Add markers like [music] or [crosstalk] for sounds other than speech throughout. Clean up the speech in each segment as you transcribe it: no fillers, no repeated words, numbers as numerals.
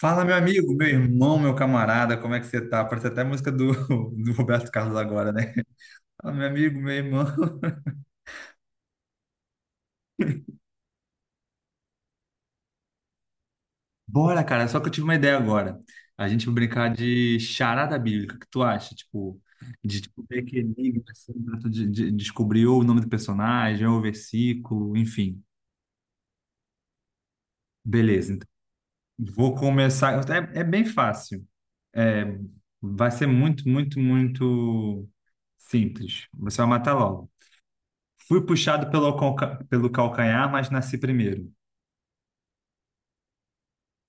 Fala, meu amigo, meu irmão, meu camarada, como é que você tá? Parece até a música do, [laughs] do Roberto Carlos agora, né? Fala, meu amigo, meu irmão. [laughs] Bora, cara, só que eu tive uma ideia agora. A gente vai brincar de charada bíblica, o que tu acha? Tipo, meio que enigma, assim, pra tu descobrir ou o nome do personagem, ou o versículo, enfim. Beleza, então. Vou começar. É bem fácil. É, vai ser muito, muito, muito simples. Você vai matar logo. Fui puxado pelo calcanhar, mas nasci primeiro.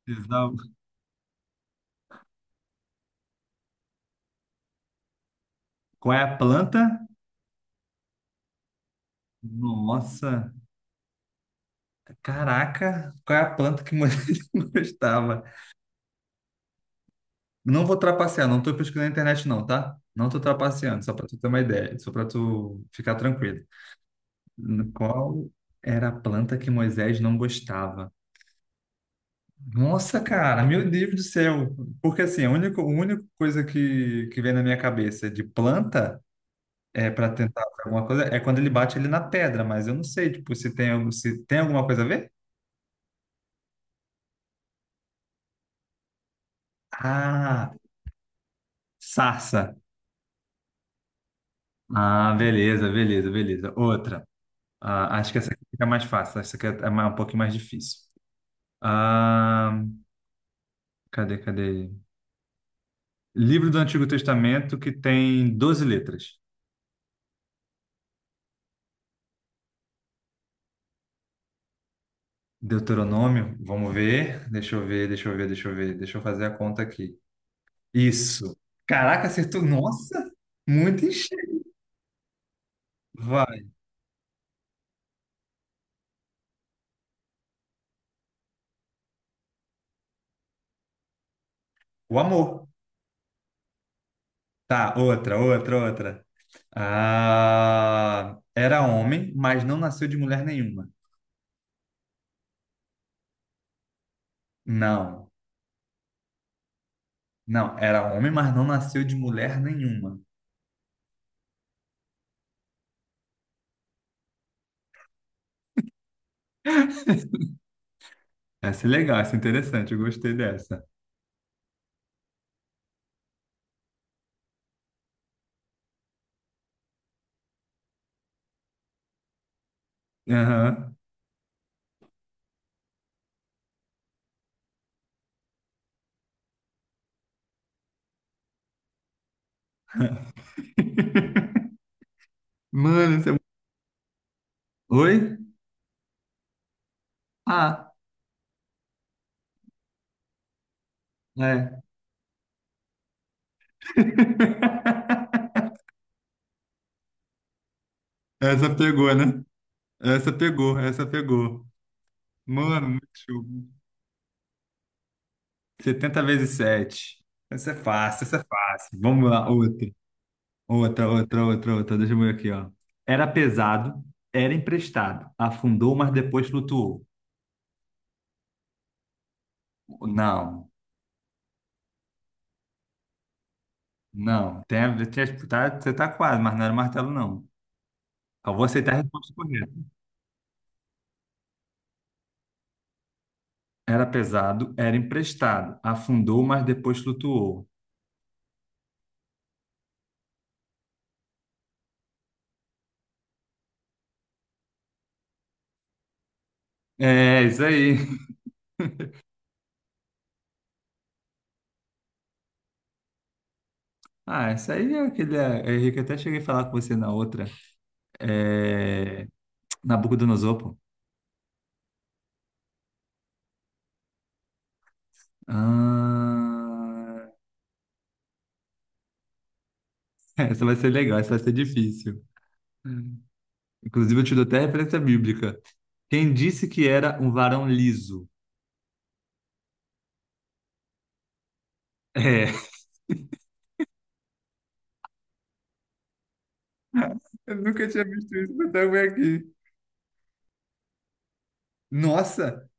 Exa- Qual é a planta? Nossa, caraca, qual é a planta que mais [laughs] eu gostava? Não vou trapacear, não tô pesquisando na internet não, tá? Não tô trapaceando, só para tu ter uma ideia, só para tu ficar tranquilo. Qual era a planta que Moisés não gostava? Nossa, cara, meu Deus do céu. Porque assim, a única coisa que vem na minha cabeça de planta. É para tentar alguma coisa. É quando ele bate ele na pedra, mas eu não sei, tipo, se tem alguma coisa a ver? Ah, sarça. Ah, beleza, beleza, beleza. Outra. Ah, acho que essa aqui fica mais fácil. Essa aqui é um pouquinho mais difícil. Ah, cadê, cadê? Livro do Antigo Testamento que tem 12 letras. Deuteronômio, vamos ver. Deixa eu ver, deixa eu ver, deixa eu ver. Deixa eu fazer a conta aqui. Isso. Caraca, acertou. Nossa, muito em cheio. Vai. O amor. Tá, outra, outra, outra. Ah, era homem, mas não nasceu de mulher nenhuma. Não, não, era homem, mas não nasceu de mulher nenhuma. Essa é legal, essa é interessante, eu gostei dessa. Aham. [laughs] Mano, essa é... Oi? Ah, é. [laughs] Essa pegou, né? Essa pegou, essa pegou. Mano, muito show. 70 vezes sete. Essa é fácil, essa é fácil. Vamos lá, outra. Outra, outra, outra, outra. Deixa eu ver aqui, ó. Era pesado, era emprestado, afundou, mas depois flutuou. Não, não. Tá, você tá quase, mas não era martelo, não. Eu vou aceitar a resposta correta. Era pesado, era emprestado, afundou, mas depois flutuou. É, isso aí. [laughs] Ah, isso aí é aquele. É, Henrique, eu até cheguei a falar com você na outra. É, Nabucodonosor, pô. Ah, [laughs] essa vai ser legal, essa vai ser difícil. Inclusive, eu te dou até referência bíblica. Quem disse que era um varão liso? É. [laughs] Eu nunca tinha visto isso, mas também aqui. Nossa,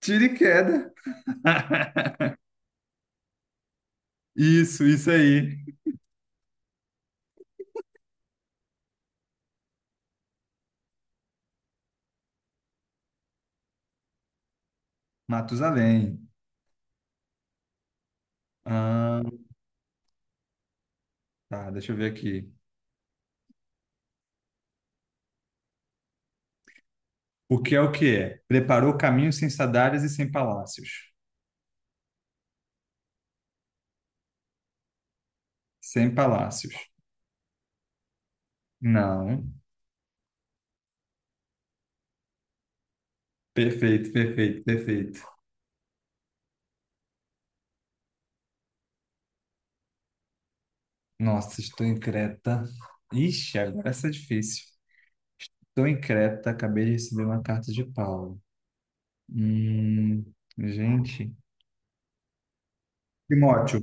tiro e queda. [laughs] Isso aí. Matusalém. Ah, tá, deixa eu ver aqui. O que é o que é? Preparou caminhos sem sadares e sem palácios. Sem palácios. Não. Perfeito, perfeito, perfeito. Nossa, estou em Creta. Ixi, agora essa é difícil. Estou em Creta, acabei de receber uma carta de Paulo. Hum, gente. Timóteo.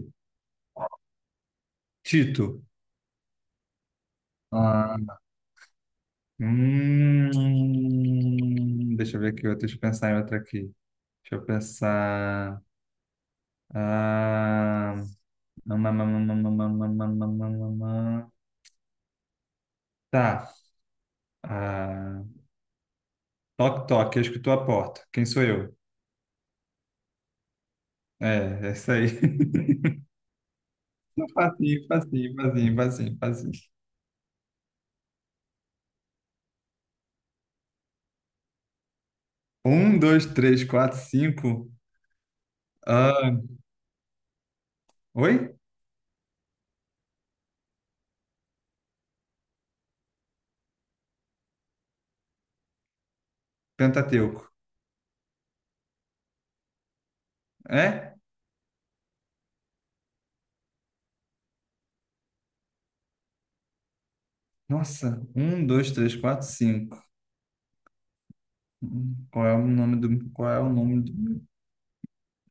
Tito. Ah, deixa eu ver aqui, outra, deixa eu pensar em outra aqui. Deixa eu pensar. Ah, mamamamamamamamamamamamamam. Tá. Ah, toque, toque, eu escuto a porta. Quem sou eu? É isso aí. [laughs] Facinho, facinho, facinho, facinho, facinho. Um, dois, três, quatro, cinco. Ah, oi? Pentateuco. É? Nossa, um, dois, três, quatro, cinco. Qual é o nome do,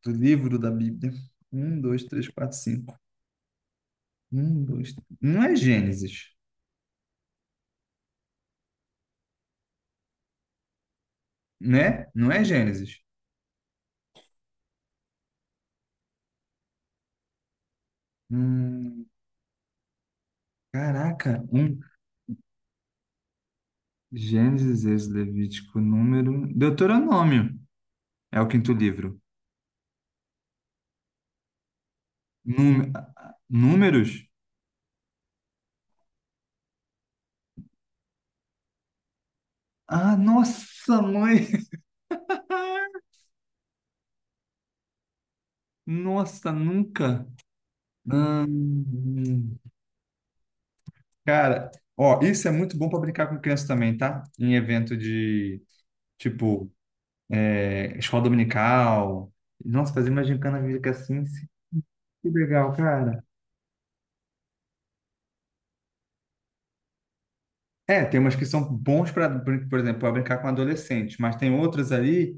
do livro da Bíblia? Um, dois, três, quatro, cinco. Um, dois. Não é Gênesis, né? Não é Gênesis. Hum, caraca, um. Gênesis, Êxodo, Levítico, número. Deuteronômio é o quinto livro. Núme- Números? Ah, nossa, mãe! [laughs] Nossa, nunca. Hum, hum. Cara, ó, isso é muito bom para brincar com criança também, tá? Em evento de, tipo, escola dominical. Nossa, fazer uma gincana bíblica assim, que legal, cara. É, tem umas que são bons para, por exemplo, para brincar com adolescente, mas tem outras ali,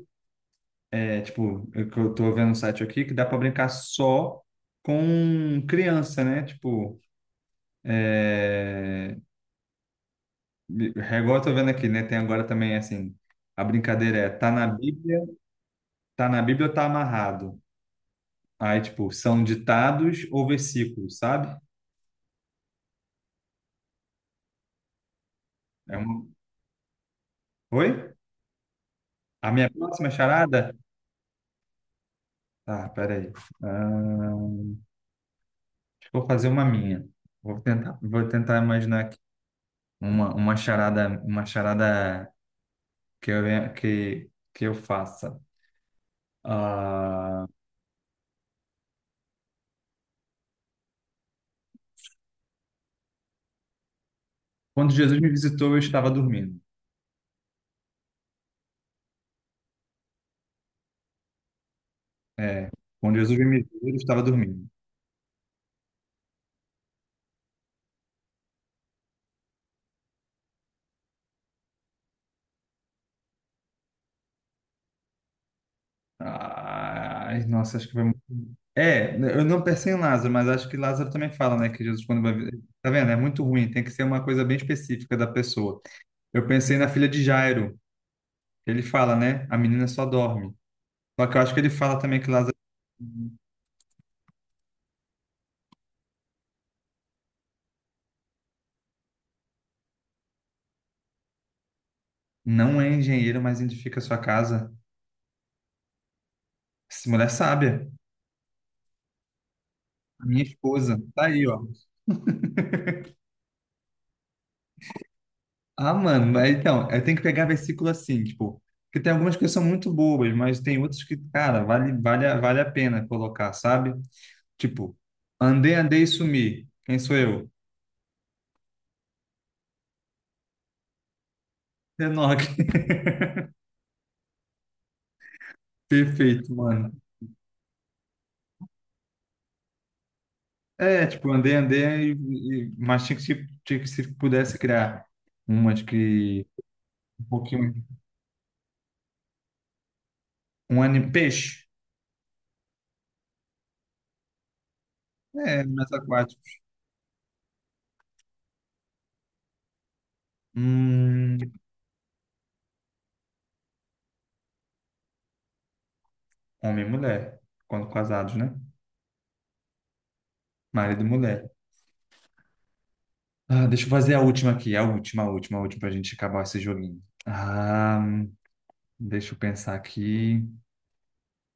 tipo, que eu tô vendo um site aqui, que dá para brincar só com criança, né? Tipo, é... Igual eu tô vendo aqui, né? Tem agora também, assim, a brincadeira é tá na Bíblia ou tá amarrado? Aí, tipo, são ditados ou versículos, sabe? É uma... Oi? A minha próxima charada? Tá, peraí. Ah, acho que vou fazer uma minha. Vou tentar imaginar aqui uma charada que eu faça. Ah, quando Jesus me visitou, eu estava dormindo. É, quando Jesus me visitou, eu estava dormindo. Ai, nossa, acho que foi. É, eu não pensei em Lázaro, mas acho que Lázaro também fala, né, que Jesus quando vai... Tá vendo? É muito ruim, tem que ser uma coisa bem específica da pessoa. Eu pensei na filha de Jairo, que ele fala, né, a menina só dorme. Só que eu acho que ele fala também que Lázaro não é engenheiro, mas edifica a sua casa. Essa mulher é sábia, a minha esposa, tá aí, ó. Ah, mano, mas então, eu tenho que pegar versículo assim, tipo, porque tem algumas que são muito bobas, mas tem outras que, cara, vale a pena colocar, sabe? Tipo, andei, andei e sumi, quem sou eu? Enoch. [laughs] Perfeito, mano. É, tipo, andei, andei, mas tinha que, tinha que se pudesse criar umas que um pouquinho, um anime, peixe, mais aquático. Hum, homem e mulher, quando casados, né? Marido e mulher. Ah, deixa eu fazer a última aqui, a última, a última, a última, pra gente acabar esse joguinho. Ah, deixa eu pensar aqui,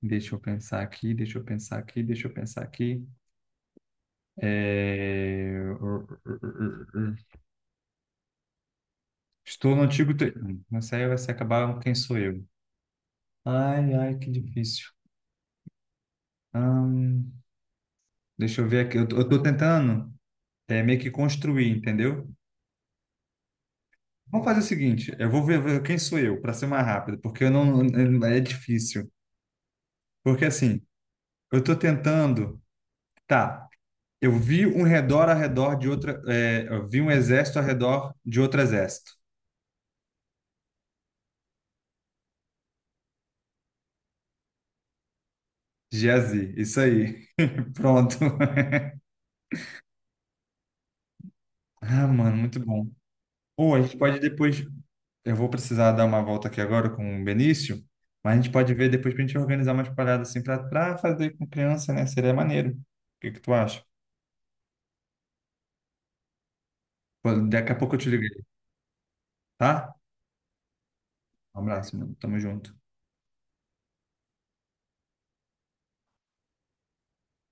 deixa eu pensar aqui, deixa eu pensar aqui, deixa eu pensar aqui. É... Estou no antigo. Aí vai se acabar quem sou eu. Ai, ai, que difícil. Hum, deixa eu ver aqui. Eu tô tentando meio que construir, entendeu? Vamos fazer o seguinte: eu vou ver quem sou eu, para ser mais rápido, porque eu não. É difícil. Porque assim, eu tô tentando. Tá, eu vi um redor ao redor de outra. Eu vi um exército ao redor de outro exército. Geazi, isso aí. [laughs] Pronto. [laughs] Ah, mano, muito bom. Ou a gente pode depois. Eu vou precisar dar uma volta aqui agora com o Benício, mas a gente pode ver depois pra gente organizar umas paradas assim pra fazer com criança, né? Seria maneiro. O que que tu acha? Pô, daqui a pouco eu te liguei, tá? Um abraço, mano. Tamo junto.